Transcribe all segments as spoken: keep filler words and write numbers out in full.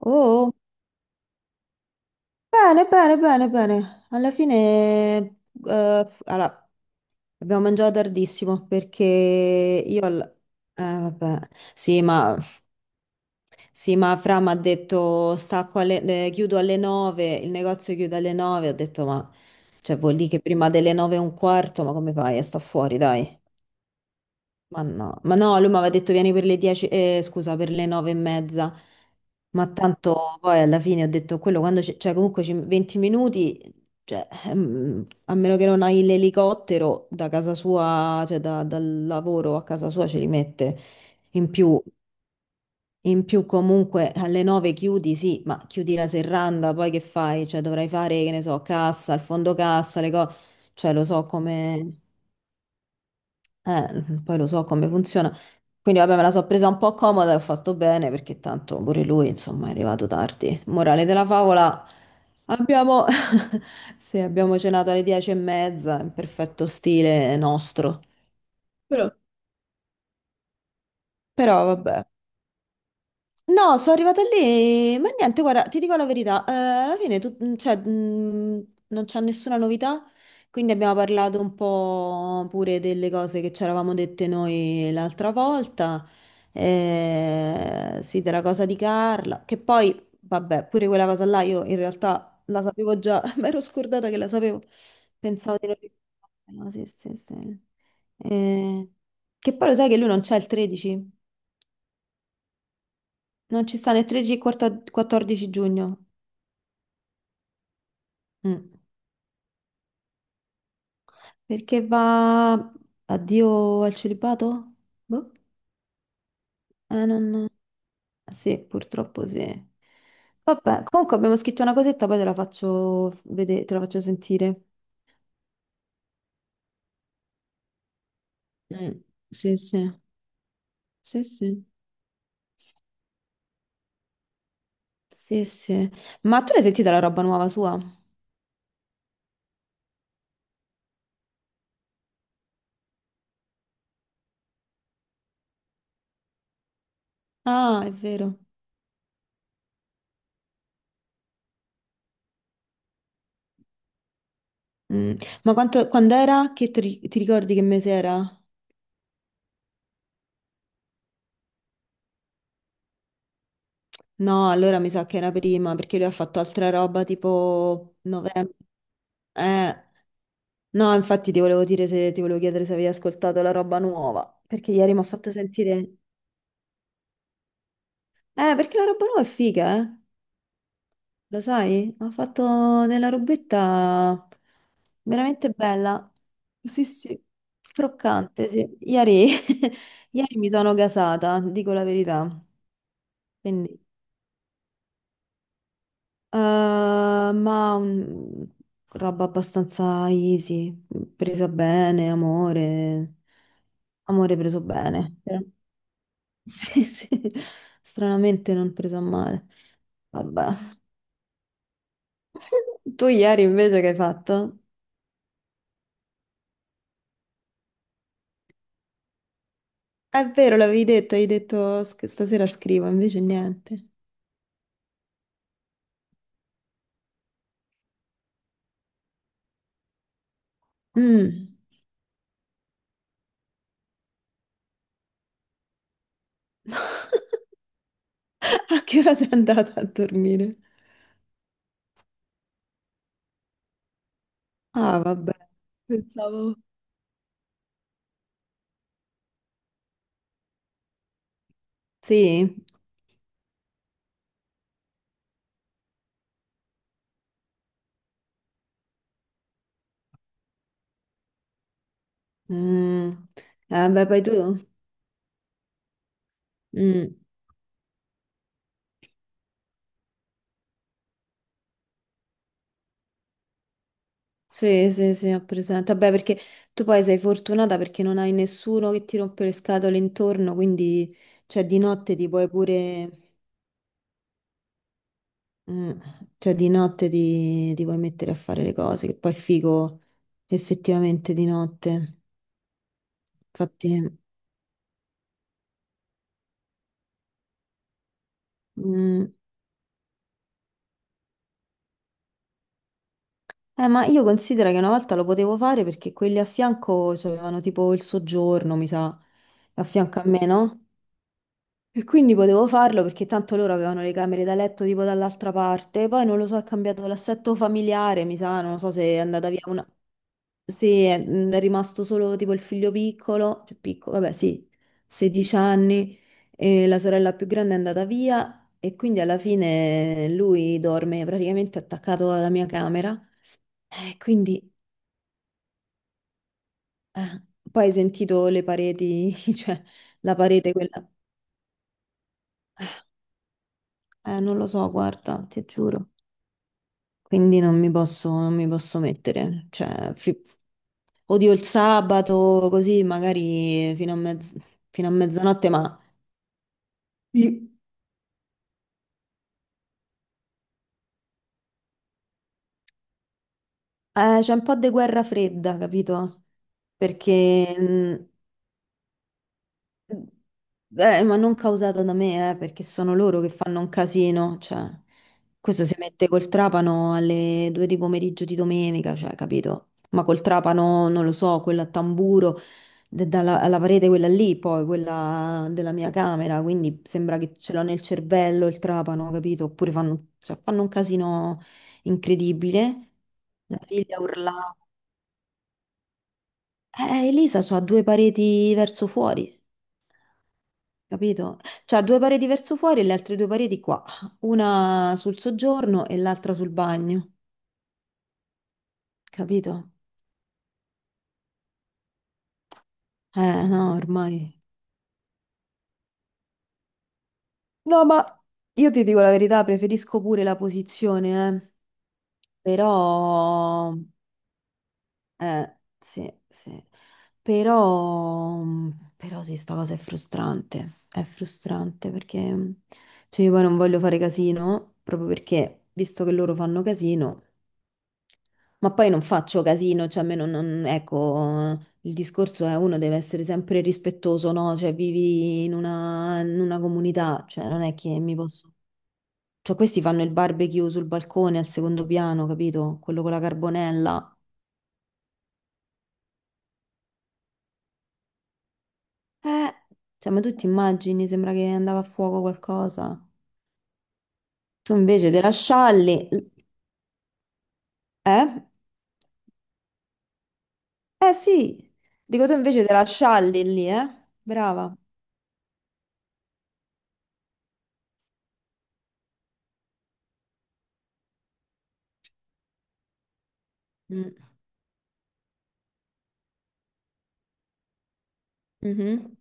Oh, bene, bene, bene, bene. Alla fine, eh, allora, abbiamo mangiato tardissimo perché io... al- Eh, vabbè, sì, ma... Sì, ma Fra mi ha detto, stacco alle... eh, chiudo alle nove, il negozio chiude alle nove, ho detto, ma... Cioè, vuol dire che prima delle nove e un quarto, ma come fai? Sta fuori, dai. Ma no, ma no, lui mi aveva detto vieni per le dieci, eh, scusa, per le nove e mezza. Ma tanto poi alla fine ho detto quello quando c'è, cioè comunque ci- venti minuti, cioè, ehm, a meno che non hai l'elicottero da casa sua, cioè da- dal lavoro a casa sua ce li mette. In più, in più comunque alle nove chiudi, sì, ma chiudi la serranda, poi che fai? Cioè dovrai fare, che ne so, cassa, il fondo cassa, le cose, cioè lo so come... Eh, poi lo so come funziona. Quindi vabbè, me la so presa un po' comoda e ho fatto bene perché tanto pure lui, insomma, è arrivato tardi. Morale della favola, abbiamo, sì, abbiamo cenato alle dieci e mezza, in perfetto stile nostro. Però, però vabbè, no, sono arrivata lì, ma niente, guarda, ti dico la verità, eh, alla fine tu- mm, cioè, mh, non c'è nessuna novità, quindi abbiamo parlato un po' pure delle cose che ci eravamo dette noi l'altra volta, eh, sì, della cosa di Carla, che poi, vabbè, pure quella cosa là io in realtà la sapevo già, mi ero scordata che la sapevo, pensavo di non ricordare, no, sì, sì, sì. Eh, che poi lo sai che lui non c'è il tredici? Non ci sta né tredici né quattordici quattordici giugno. Mm. Perché va addio al celibato? Boh. Eh, non... Sì, purtroppo sì. Vabbè, comunque abbiamo scritto una cosetta, poi te la faccio vedere, te la faccio sentire. Mm. Sì, sì. Sì, sì. Sì, sì. Ma tu l'hai sentita la roba nuova sua? Ah, è vero. Mm. Ma quanto, quando era? Che ti, ri- ti ricordi che mese era? No, allora mi sa che era prima, perché lui ha fatto altra roba tipo novembre. Eh, no, infatti ti volevo dire se ti volevo chiedere se avevi ascoltato la roba nuova, perché ieri mi ha fatto sentire... Eh, perché la roba nuova è figa, eh? Lo sai? Ha fatto della robetta veramente bella. Sì, sì, croccante, sì. Ieri, ieri mi sono gasata, dico la verità. Quindi, eh, ma un- roba abbastanza easy, presa bene, amore, amore preso bene. Sì, sì, stranamente non preso a male. Vabbè. Tu ieri invece che hai fatto? È vero, l'avevi detto, hai detto "Sc- stasera scrivo, invece niente. Mm. A che ora sei andata a dormire? Ah, vabbè. Pensavo. Sì. Mm. Eh, beh, poi tu? Mm. Sì, sì, sì, ho presente. Vabbè, perché tu poi sei fortunata perché non hai nessuno che ti rompe le scatole intorno, quindi cioè, di notte ti puoi pure... Mm, Cioè di notte ti, ti vuoi mettere a fare le cose, che poi è figo effettivamente di notte. Infatti, mm, eh, ma io considero che una volta lo potevo fare perché quelli a fianco avevano tipo il soggiorno, mi sa, a fianco a me, no? E quindi potevo farlo perché tanto loro avevano le camere da letto tipo dall'altra parte. Poi non lo so, è cambiato l'assetto familiare, mi sa, non lo so se è andata via una... Sì, è mm, è rimasto solo tipo il figlio piccolo, cioè piccolo, vabbè, sì, sedici anni, e la sorella più grande è andata via e quindi alla fine lui dorme praticamente attaccato alla mia camera. E quindi eh, poi hai sentito le pareti, cioè la parete quella. Eh, non lo so, guarda, ti giuro. Quindi non mi posso, non mi posso mettere. Cioè, fi- odio il sabato, così magari fino a mezz- fino a mezzanotte, ma... Eh, c'è un po' di guerra fredda, capito? Perché, mh, eh, ma non causata da me, eh, perché sono loro che fanno un casino, cioè, questo si mette col trapano alle due di pomeriggio di domenica, cioè, capito? Ma col trapano, non lo so, quello a tamburo, de- dalla, alla parete quella lì, poi quella della mia camera, quindi sembra che ce l'ho nel cervello il trapano, capito? Oppure fanno, cioè, fanno un casino incredibile. La figlia urlava. Eh, eh, Elisa ha due pareti verso fuori, capito? C'ha due pareti verso fuori e le altre due pareti qua, una sul soggiorno e l'altra sul bagno, capito? Eh, no, ormai. No, ma io ti dico la verità, preferisco pure la posizione, eh. Però, eh, sì, sì. Però, però sì, sta cosa è frustrante, è frustrante perché, cioè, io poi non voglio fare casino, proprio perché, visto che loro fanno casino... Ma poi non faccio casino, cioè a me non, non- ecco, il discorso è uno deve essere sempre rispettoso, no? Cioè vivi in una, in una comunità, cioè non è che mi posso... Cioè questi fanno il barbecue sul balcone al secondo piano, capito? Quello con la carbonella. Eh, cioè ma tu ti immagini, sembra che andava a fuoco qualcosa. Tu invece te la scialli, eh? Eh sì, dico tu invece te la scialli lì, eh? Brava. Mm. Mhm.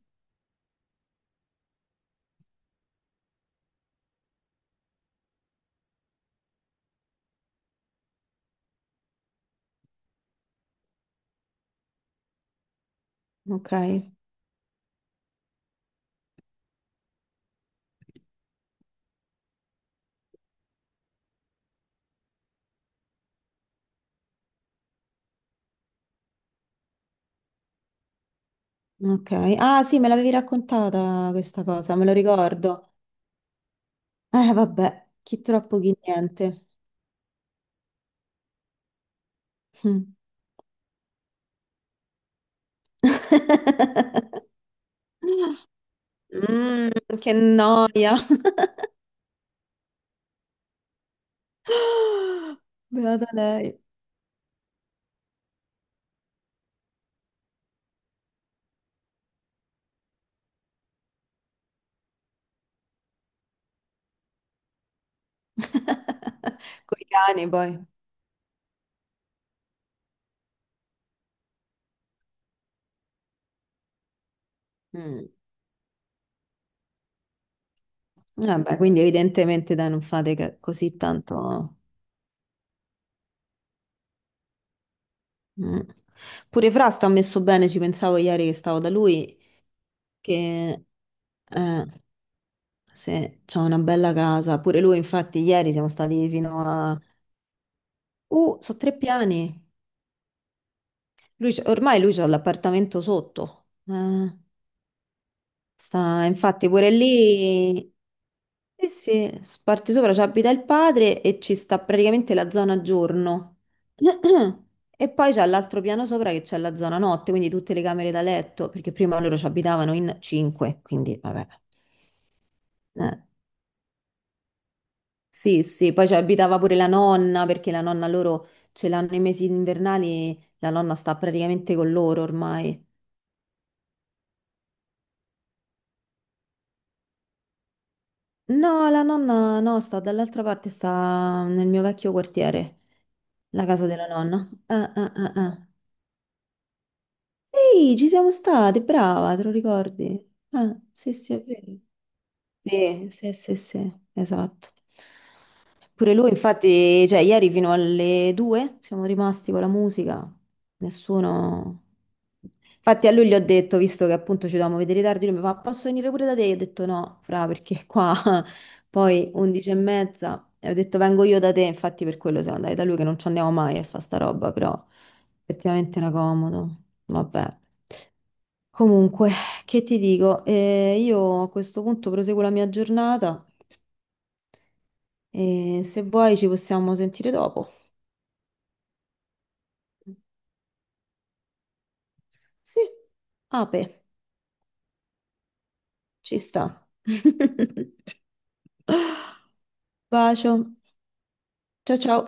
Ok. Ok. Ah, sì, me l'avevi raccontata questa cosa, me lo ricordo. Eh, vabbè, chi troppo chi niente. Mm. Mm, che noia. Beata lei. Con i cani poi. Mm. Vabbè, quindi evidentemente dai, non fate che- così tanto. Mm. Pure Fra sta messo bene, ci pensavo ieri che stavo da lui. Che eh, Sì, c'ha una bella casa. Pure lui, infatti, ieri siamo stati fino a... Uh, sono tre piani. Lui c'ha- ormai lui c'ha l'appartamento sotto. Eh, sta, infatti, pure lì... Sì, sì, sparti sopra ci abita il padre e ci sta praticamente la zona giorno. E poi c'è l'altro piano sopra che c'è la zona notte, quindi tutte le camere da letto, perché prima loro ci abitavano in cinque, quindi vabbè. Eh. Sì, sì, poi ci abitava pure la nonna, perché la nonna loro ce l'hanno i mesi invernali, la nonna sta praticamente con loro ormai. No, la nonna no, sta dall'altra parte, sta nel mio vecchio quartiere, la casa della nonna. Ah, ah, ah, ah. Ehi, ci siamo state, brava, te lo ricordi? Ah, sì, sì, è vero. Sì, sì, sì, sì, esatto. Pure lui, infatti, cioè, ieri fino alle due siamo rimasti con la musica, nessuno... Infatti a lui gli ho detto, visto che appunto ci dovevamo vedere tardi, lui mi fa, posso venire pure da te? Io ho detto no, fra, perché qua poi undici e mezza, e ho detto vengo io da te, infatti per quello siamo andati da lui, che non ci andiamo mai a fa sta roba, però effettivamente era comodo, vabbè. Comunque, che ti dico, Eh, io a questo punto proseguo la mia giornata e se vuoi ci possiamo sentire dopo. Sì, ape, ci sta. Bacio. Ciao ciao.